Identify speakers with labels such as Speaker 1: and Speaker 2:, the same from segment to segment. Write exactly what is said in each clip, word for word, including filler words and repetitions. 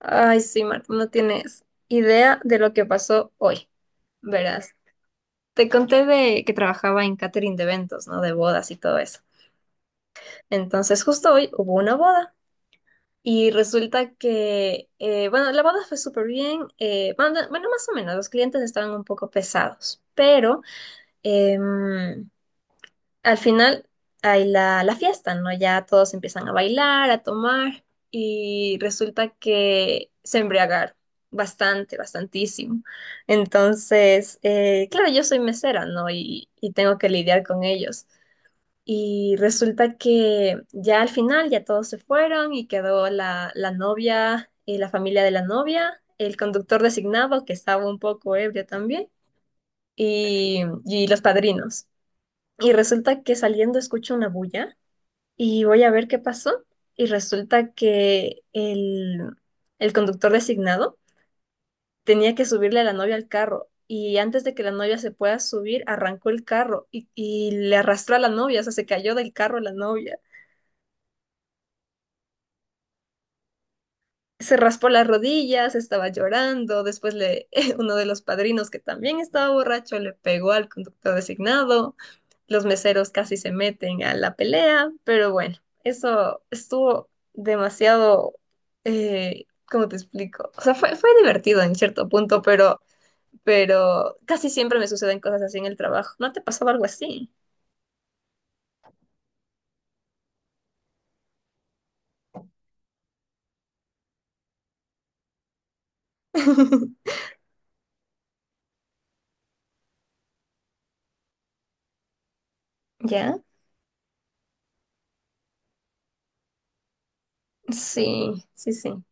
Speaker 1: Ay, sí, Marta, no tienes idea de lo que pasó hoy, verás. Te conté de que trabajaba en catering de eventos, ¿no? De bodas y todo eso. Entonces, justo hoy hubo una boda y resulta que, eh, bueno, la boda fue súper bien. Eh, bueno, bueno, más o menos, los clientes estaban un poco pesados, pero em, al final hay la, la fiesta, ¿no? Ya todos empiezan a bailar, a tomar, y resulta que se embriagaron bastante, bastantísimo. Entonces, eh, claro, yo soy mesera, ¿no? Y, y tengo que lidiar con ellos. Y resulta que ya al final ya todos se fueron y quedó la, la novia, eh, la familia de la novia, el conductor designado, que estaba un poco ebrio también, y, y los padrinos. Y resulta que saliendo escucho una bulla y voy a ver qué pasó. Y resulta que el, el conductor designado tenía que subirle a la novia al carro. Y antes de que la novia se pueda subir, arrancó el carro y, y le arrastró a la novia, o sea, se cayó del carro la novia. Se raspó las rodillas, estaba llorando. Después le, uno de los padrinos, que también estaba borracho, le pegó al conductor designado. Los meseros casi se meten a la pelea, pero bueno, eso estuvo demasiado, eh, ¿cómo te explico? O sea, fue, fue divertido en cierto punto, pero, pero casi siempre me suceden cosas así en el trabajo. ¿No te pasaba algo así? ¿Ya? Sí, sí, sí,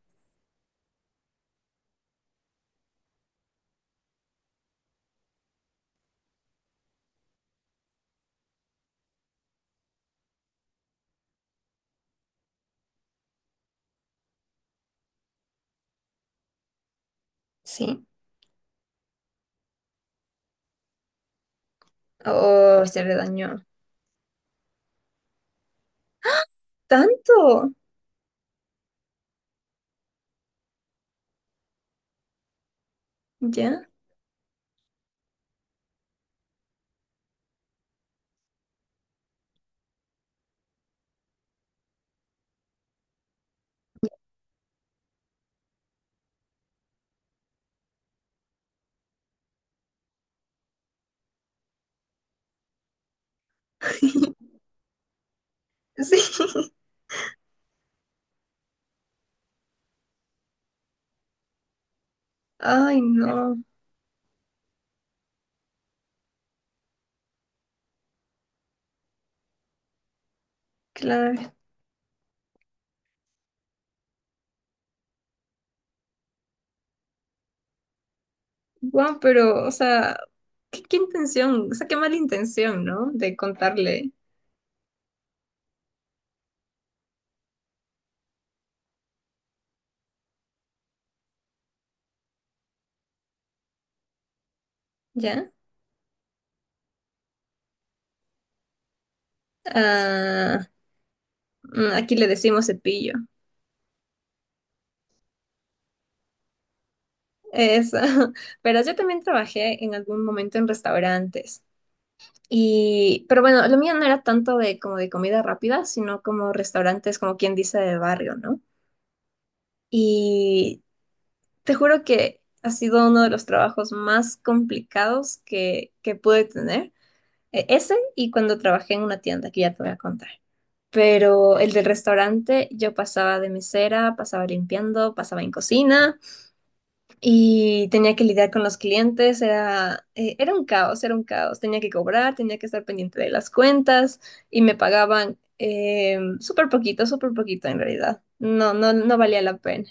Speaker 1: sí. Oh, se le dañó. ¿Tanto? ¿Ya? Sí. Ay, no, claro. Guau, pero, o sea, ¿qué, qué intención? O sea, qué mala intención, ¿no? De contarle, ¿ya? Ah, mm, aquí le decimos cepillo. Eso. Pero yo también trabajé en algún momento en restaurantes. Y, pero bueno, lo mío no era tanto de como de comida rápida, sino como restaurantes, como quien dice, de barrio, ¿no? Y te juro que ha sido uno de los trabajos más complicados que, que pude tener. E- Ese y cuando trabajé en una tienda, que ya te voy a contar. Pero el del restaurante, yo pasaba de mesera, pasaba limpiando, pasaba en cocina y tenía que lidiar con los clientes. Era, eh, era un caos, era un caos. Tenía que cobrar, tenía que estar pendiente de las cuentas y me pagaban eh, súper poquito, súper poquito en realidad. No, no, no valía la pena.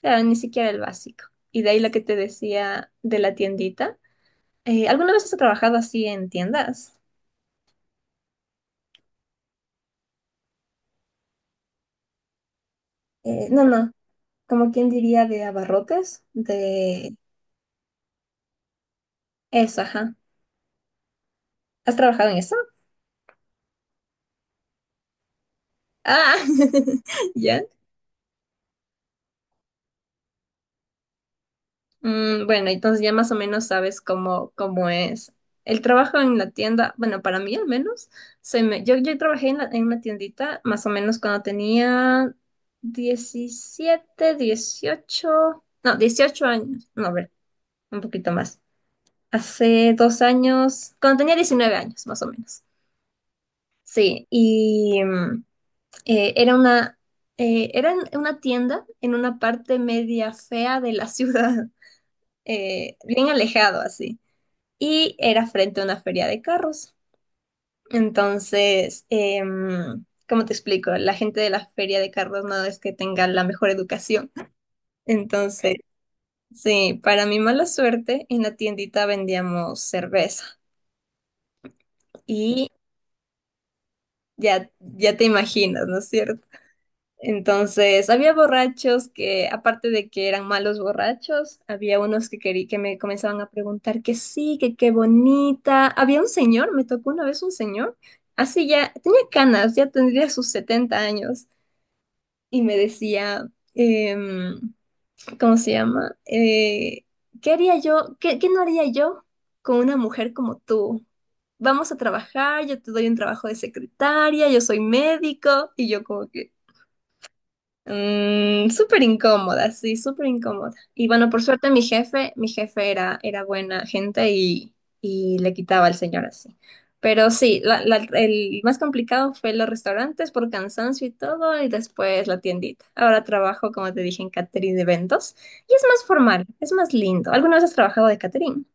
Speaker 1: Claro, ni siquiera el básico. Y de ahí lo que te decía de la tiendita. Eh, ¿alguna vez has trabajado así en tiendas? Eh, no, no. Como quien diría de abarrotes, de... Eso, ajá. ¿Has trabajado en eso? Ah, ya. Mm, bueno, entonces ya más o menos sabes cómo, cómo es. El trabajo en la tienda, bueno, para mí al menos, se me, yo, yo trabajé en, la- en una tiendita más o menos cuando tenía diecisiete, dieciocho, no, dieciocho años, no, a ver, un poquito más. Hace dos años, cuando tenía diecinueve años, más o menos. Sí, y, mm, Eh, era una, eh, era en una tienda en una parte media fea de la ciudad, eh, bien alejado así, y era frente a una feria de carros. Entonces, em, ¿cómo te explico? La gente de la feria de carros no es que tenga la mejor educación. Entonces, sí, para mi mala suerte, en la tiendita vendíamos cerveza y ya, ya te imaginas, ¿no es cierto? Entonces, había borrachos que, aparte de que eran malos borrachos, había unos que querí- que me comenzaban a preguntar que sí, que qué bonita. Había un señor, me tocó una vez un señor, así ya, tenía canas, ya tendría sus setenta años, y me decía, em, ¿cómo se llama? Eh, ¿qué haría yo? ¿Qué, qué no haría yo con una mujer como tú? Vamos a trabajar, yo te doy un trabajo de secretaria, yo soy médico, y yo como que... Mm, súper incómoda, sí, súper incómoda. Y bueno, por suerte mi jefe, mi jefe era, era buena gente y, y le quitaba al señor así. Pero sí, la- la- el más complicado fue los restaurantes por cansancio y todo, y después la tiendita. Ahora trabajo, como te dije, en catering de eventos y es más formal, es más lindo. ¿Alguna vez has trabajado de catering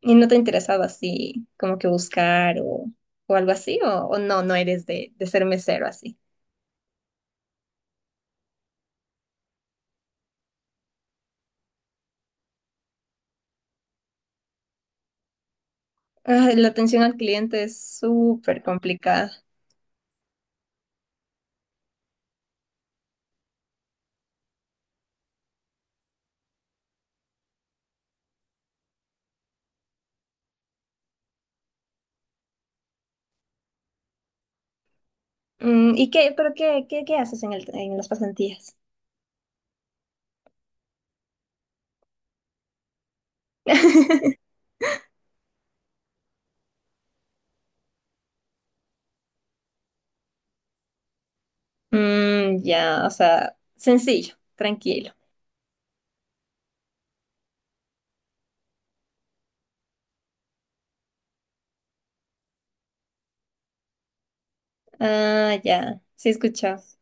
Speaker 1: y no te ha interesado así como que buscar o, o algo así? ¿O, o no, no eres de, de ser mesero así? Ay, la atención al cliente es súper complicada. Mm, ¿y qué, pero qué, qué, qué haces en el, en las pasantías? Mm, ya, o sea, sencillo, tranquilo. Ah, ya, sí escuchas.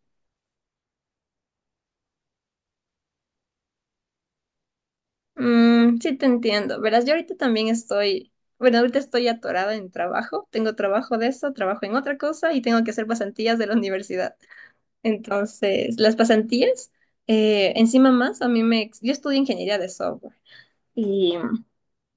Speaker 1: Mm, sí te entiendo. Verás, yo ahorita también estoy, bueno, ahorita estoy atorada en trabajo. Tengo trabajo de eso, trabajo en otra cosa y tengo que hacer pasantías de la universidad. Entonces, las pasantías, eh, encima más, a mí me, ex- yo estudio ingeniería de software. Y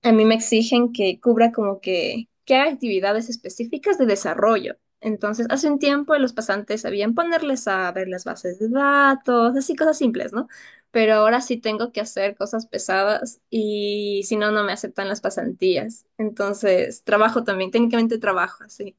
Speaker 1: a mí me exigen que cubra como que, que haga actividades específicas de desarrollo. Entonces, hace un tiempo los pasantes sabían ponerles a ver las bases de datos, así cosas simples, ¿no? Pero ahora sí tengo que hacer cosas pesadas y si no, no me aceptan las pasantías. Entonces, trabajo también, técnicamente trabajo así.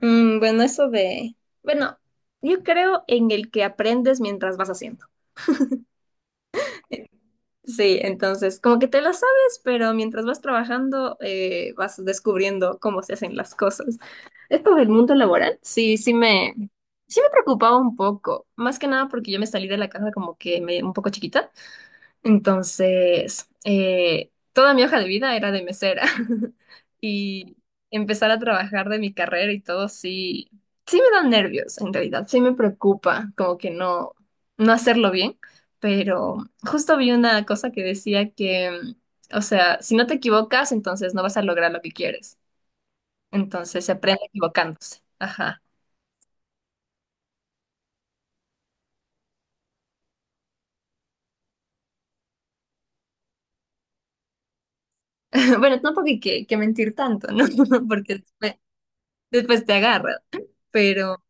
Speaker 1: Mm, bueno, eso de, bueno, yo creo en el que aprendes mientras vas haciendo. Sí, entonces como que te lo sabes, pero mientras vas trabajando eh, vas descubriendo cómo se hacen las cosas. Esto del mundo laboral, sí, sí me, sí me preocupaba un poco, más que nada porque yo me salí de la casa como que me- un poco chiquita. Entonces, eh, toda mi hoja de vida era de mesera y empezar a trabajar de mi carrera y todo, sí, sí me dan nervios en realidad, sí me preocupa como que no, no hacerlo bien, pero justo vi una cosa que decía que, mm, o sea, si no te equivocas, entonces no vas a lograr lo que quieres. Entonces se aprende equivocándose. Ajá. Bueno, tampoco hay que, que mentir tanto, ¿no? Porque después, después te agarra, pero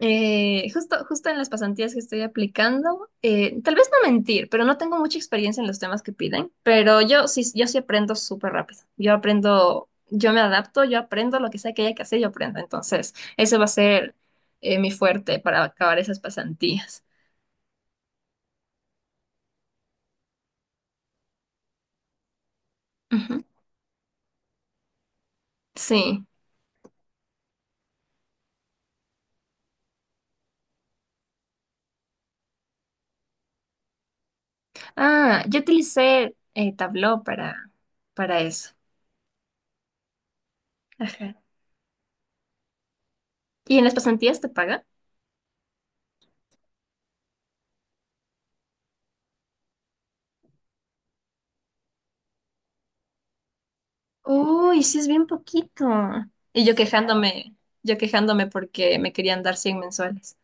Speaker 1: Eh, justo, justo en las pasantías que estoy aplicando, eh, tal vez no mentir, pero no tengo mucha experiencia en los temas que piden, pero yo sí, yo sí aprendo súper rápido. Yo aprendo, yo me adapto, yo aprendo lo que sea que haya que hacer, yo aprendo. Entonces, ese va a ser eh, mi fuerte para acabar esas pasantías. Ujú, sí. Ah, yo utilicé eh, Tableau para, para eso. Ajá. ¿Y en las pasantías te pagan? Uy, sí es bien poquito. Y yo quejándome, yo quejándome porque me querían dar cien mensuales.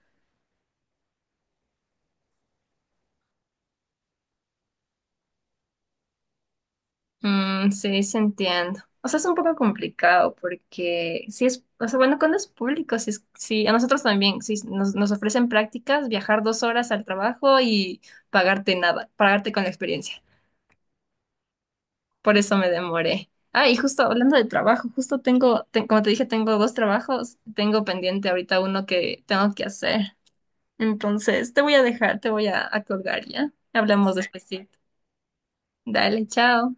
Speaker 1: Mm, sí, sí entiendo. O sea, es un poco complicado porque sí es, o sea, bueno, cuando es público, sí, es- sí, a nosotros también, sí, nos, nos ofrecen prácticas, viajar dos horas al trabajo y pagarte nada, pagarte con la experiencia. Por eso me demoré. Ah, y justo hablando de trabajo, justo tengo, te- como te dije, tengo dos trabajos, tengo pendiente ahorita uno que tengo que hacer. Entonces, te voy a dejar, te voy a, a colgar ya. Hablamos despuesito. Dale, chao.